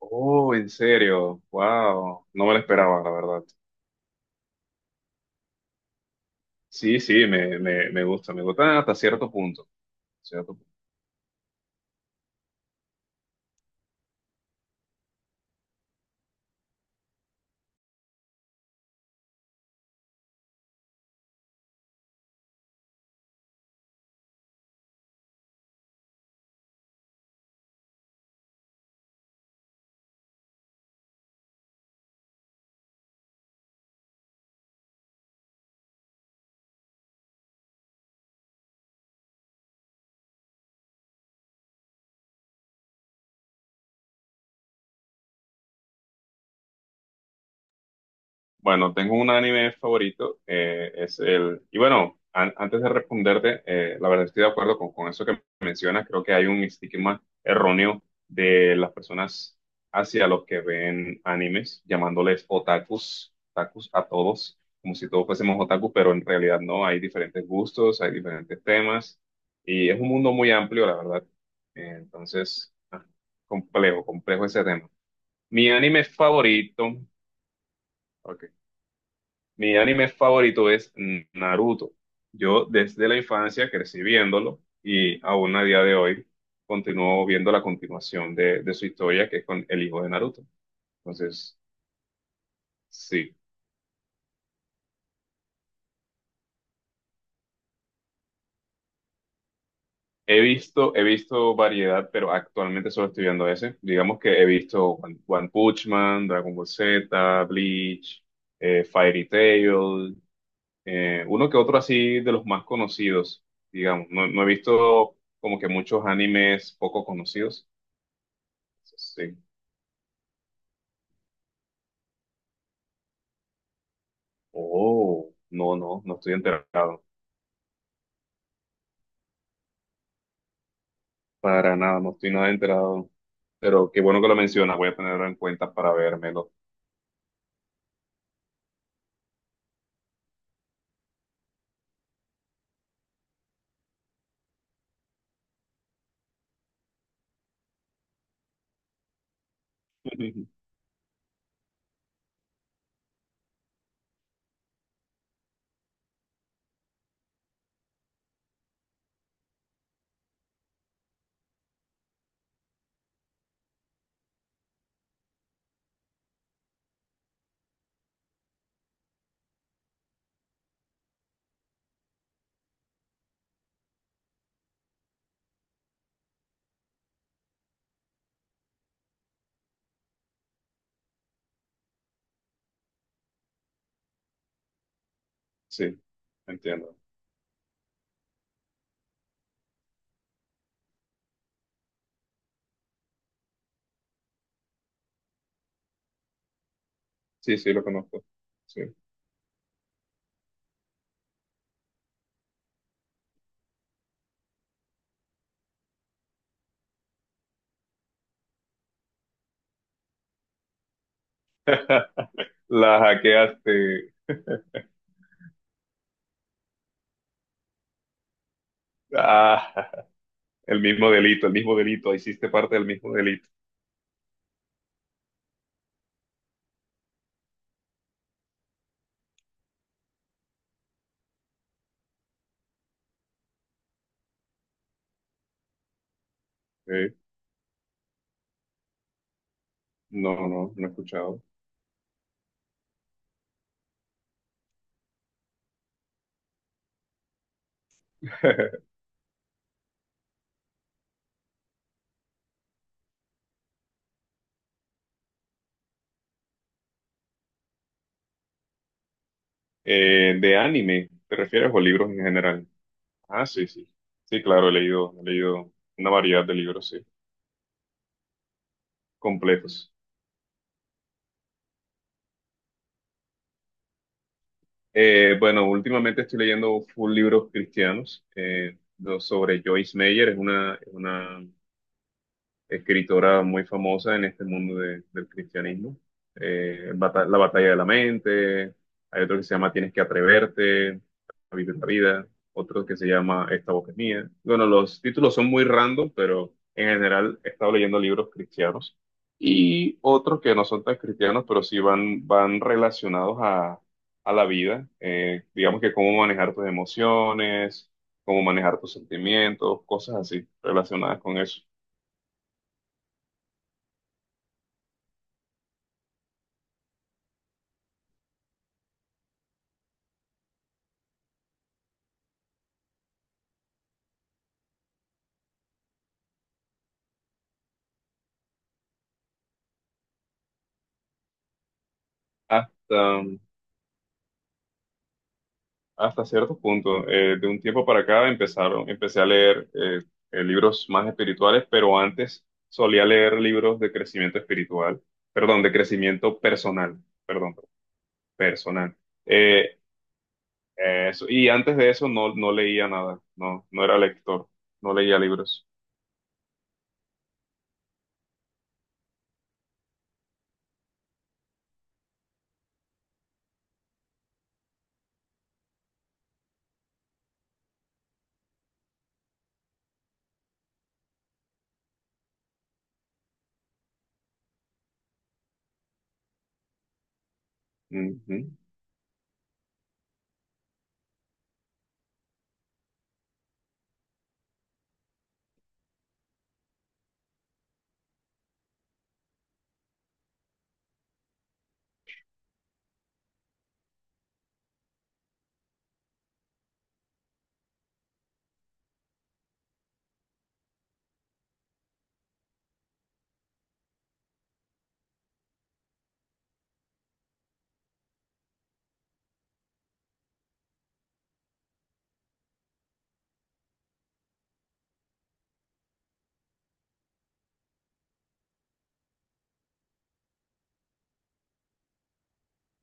Oh, en serio, wow, no me lo esperaba, la verdad. Sí, sí, me gusta, me gusta hasta cierto punto, cierto punto. Bueno, tengo un anime favorito, es el... Y bueno, antes de responderte, la verdad estoy de acuerdo con eso que mencionas, creo que hay un estigma erróneo de las personas hacia los que ven animes, llamándoles otakus, otakus a todos, como si todos fuésemos otakus, pero en realidad no, hay diferentes gustos, hay diferentes temas, y es un mundo muy amplio, la verdad. Entonces, complejo, complejo ese tema. Mi anime favorito... Ok, mi anime favorito es Naruto. Yo desde la infancia crecí viéndolo y aún a día de hoy continúo viendo la continuación de su historia que es con el hijo de Naruto. Entonces, sí, he visto variedad, pero actualmente solo estoy viendo ese. Digamos que he visto One, One Punch Man, Dragon Ball Z, Bleach, Fairy Tail, uno que otro así de los más conocidos, digamos. No, no he visto como que muchos animes poco conocidos. Sí. Oh, no, no, no estoy enterado. Para nada, no estoy nada enterado. Pero qué bueno que lo mencionas, voy a tenerlo en cuenta para vérmelo. Sí, entiendo. Sí, sí, lo conozco. Sí. La hackeaste. Ah, el mismo delito, el mismo delito. Hiciste parte del mismo delito. Eh, no, no, no he escuchado. De anime, ¿te refieres o libros en general? Ah, sí, sí. Sí, claro, he leído una variedad de libros, sí, completos. Bueno, últimamente estoy leyendo full libros cristianos sobre Joyce Meyer, es una escritora muy famosa en este mundo del cristianismo. La batalla de la mente, hay otro que se llama Tienes que atreverte, La vida es la vida, otro que se llama Esta boca es mía. Bueno, los títulos son muy random, pero en general he estado leyendo libros cristianos y otros que no son tan cristianos, pero sí van relacionados a la vida. Digamos que cómo manejar tus emociones, cómo manejar tus sentimientos, cosas así relacionadas con eso. Hasta, hasta cierto punto. De un tiempo para acá empecé a leer libros más espirituales, pero antes solía leer libros de crecimiento espiritual, perdón, de crecimiento personal, perdón, personal. Eh, eso, y antes de eso no, no leía nada, no, no era lector, no leía libros. Ujú,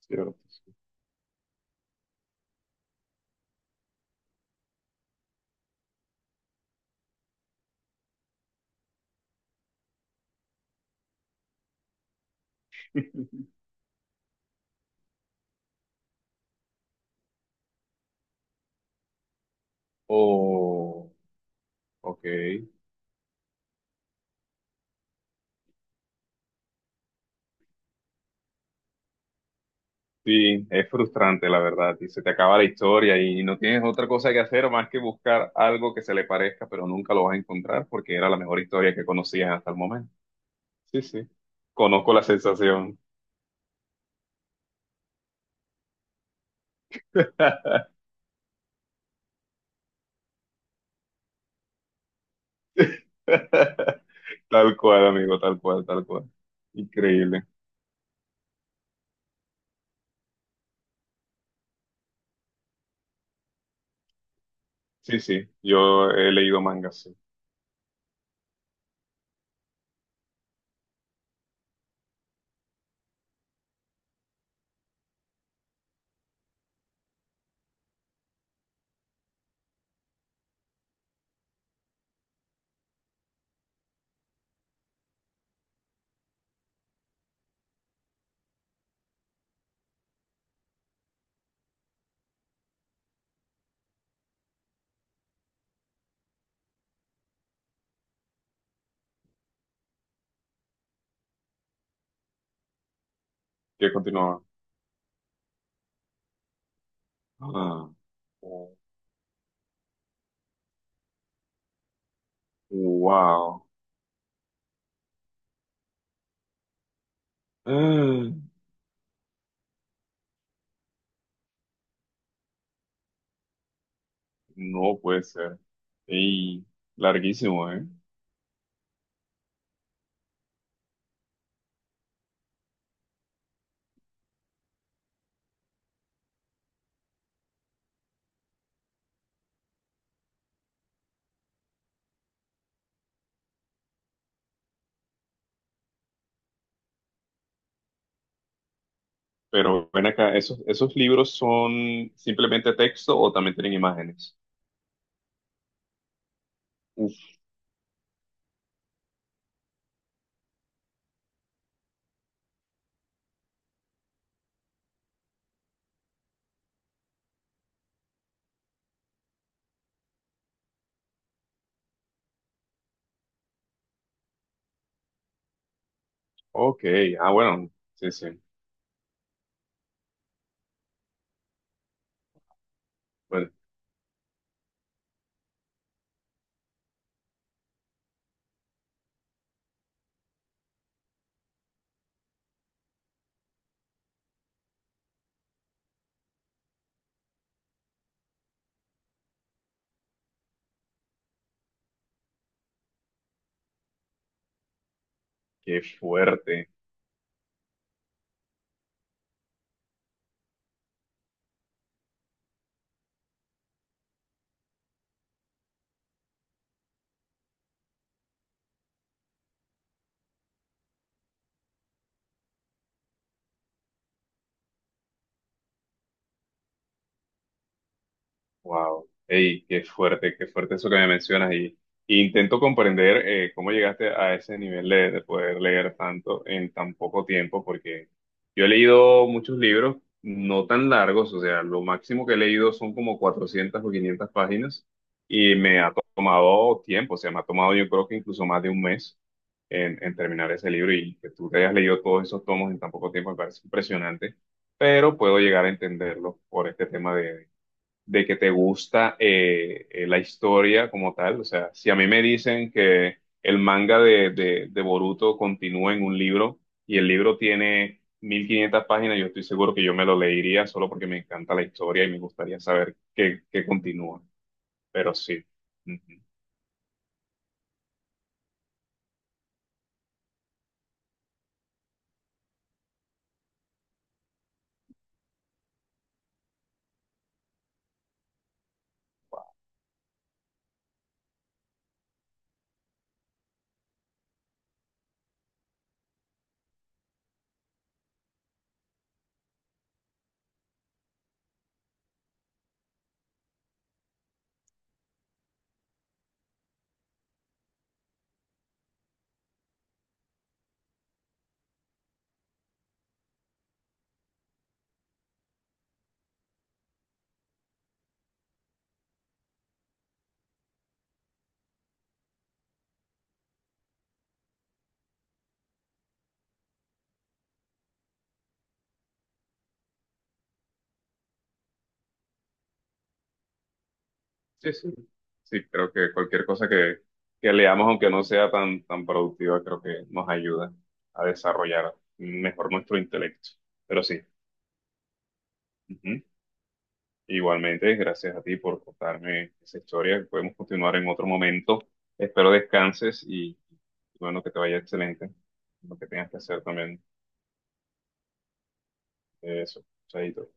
cierto. O ok. Sí, es frustrante, la verdad, y se te acaba la historia y no tienes otra cosa que hacer más que buscar algo que se le parezca, pero nunca lo vas a encontrar porque era la mejor historia que conocías hasta el momento. Sí, sí, conozco la sensación. Tal cual, amigo, tal cual, tal cual. Increíble. Sí, sí, yo he leído mangas, sí. ¿Qué continuaba? Ah, wow. Ah, no puede ser. Y larguísimo, ¿eh? Pero ven acá, ¿esos, esos libros son simplemente texto o también tienen imágenes? Uf, ok, ah, bueno, sí, sí, bueno, qué fuerte. Wow, ey, qué fuerte eso que me mencionas y intento comprender cómo llegaste a ese nivel de poder leer tanto en tan poco tiempo, porque yo he leído muchos libros no tan largos, o sea, lo máximo que he leído son como 400 o 500 páginas y me ha tomado tiempo, o sea, me ha tomado yo creo que incluso más de un mes en terminar ese libro y que tú te hayas leído todos esos tomos en tan poco tiempo me parece impresionante, pero puedo llegar a entenderlo por este tema de que te gusta la historia como tal. O sea, si a mí me dicen que el manga de Boruto continúa en un libro y el libro tiene 1.500 páginas, yo estoy seguro que yo me lo leería solo porque me encanta la historia y me gustaría saber qué, qué continúa. Pero sí. Ujú. Sí, sí. Sí, creo que cualquier cosa que leamos, aunque no sea tan, tan productiva, creo que nos ayuda a desarrollar mejor nuestro intelecto. Pero sí. Ujú. Igualmente, gracias a ti por contarme esa historia. Podemos continuar en otro momento. Espero descanses y bueno, que te vaya excelente. Lo que tengas que hacer también. Eso, chaito.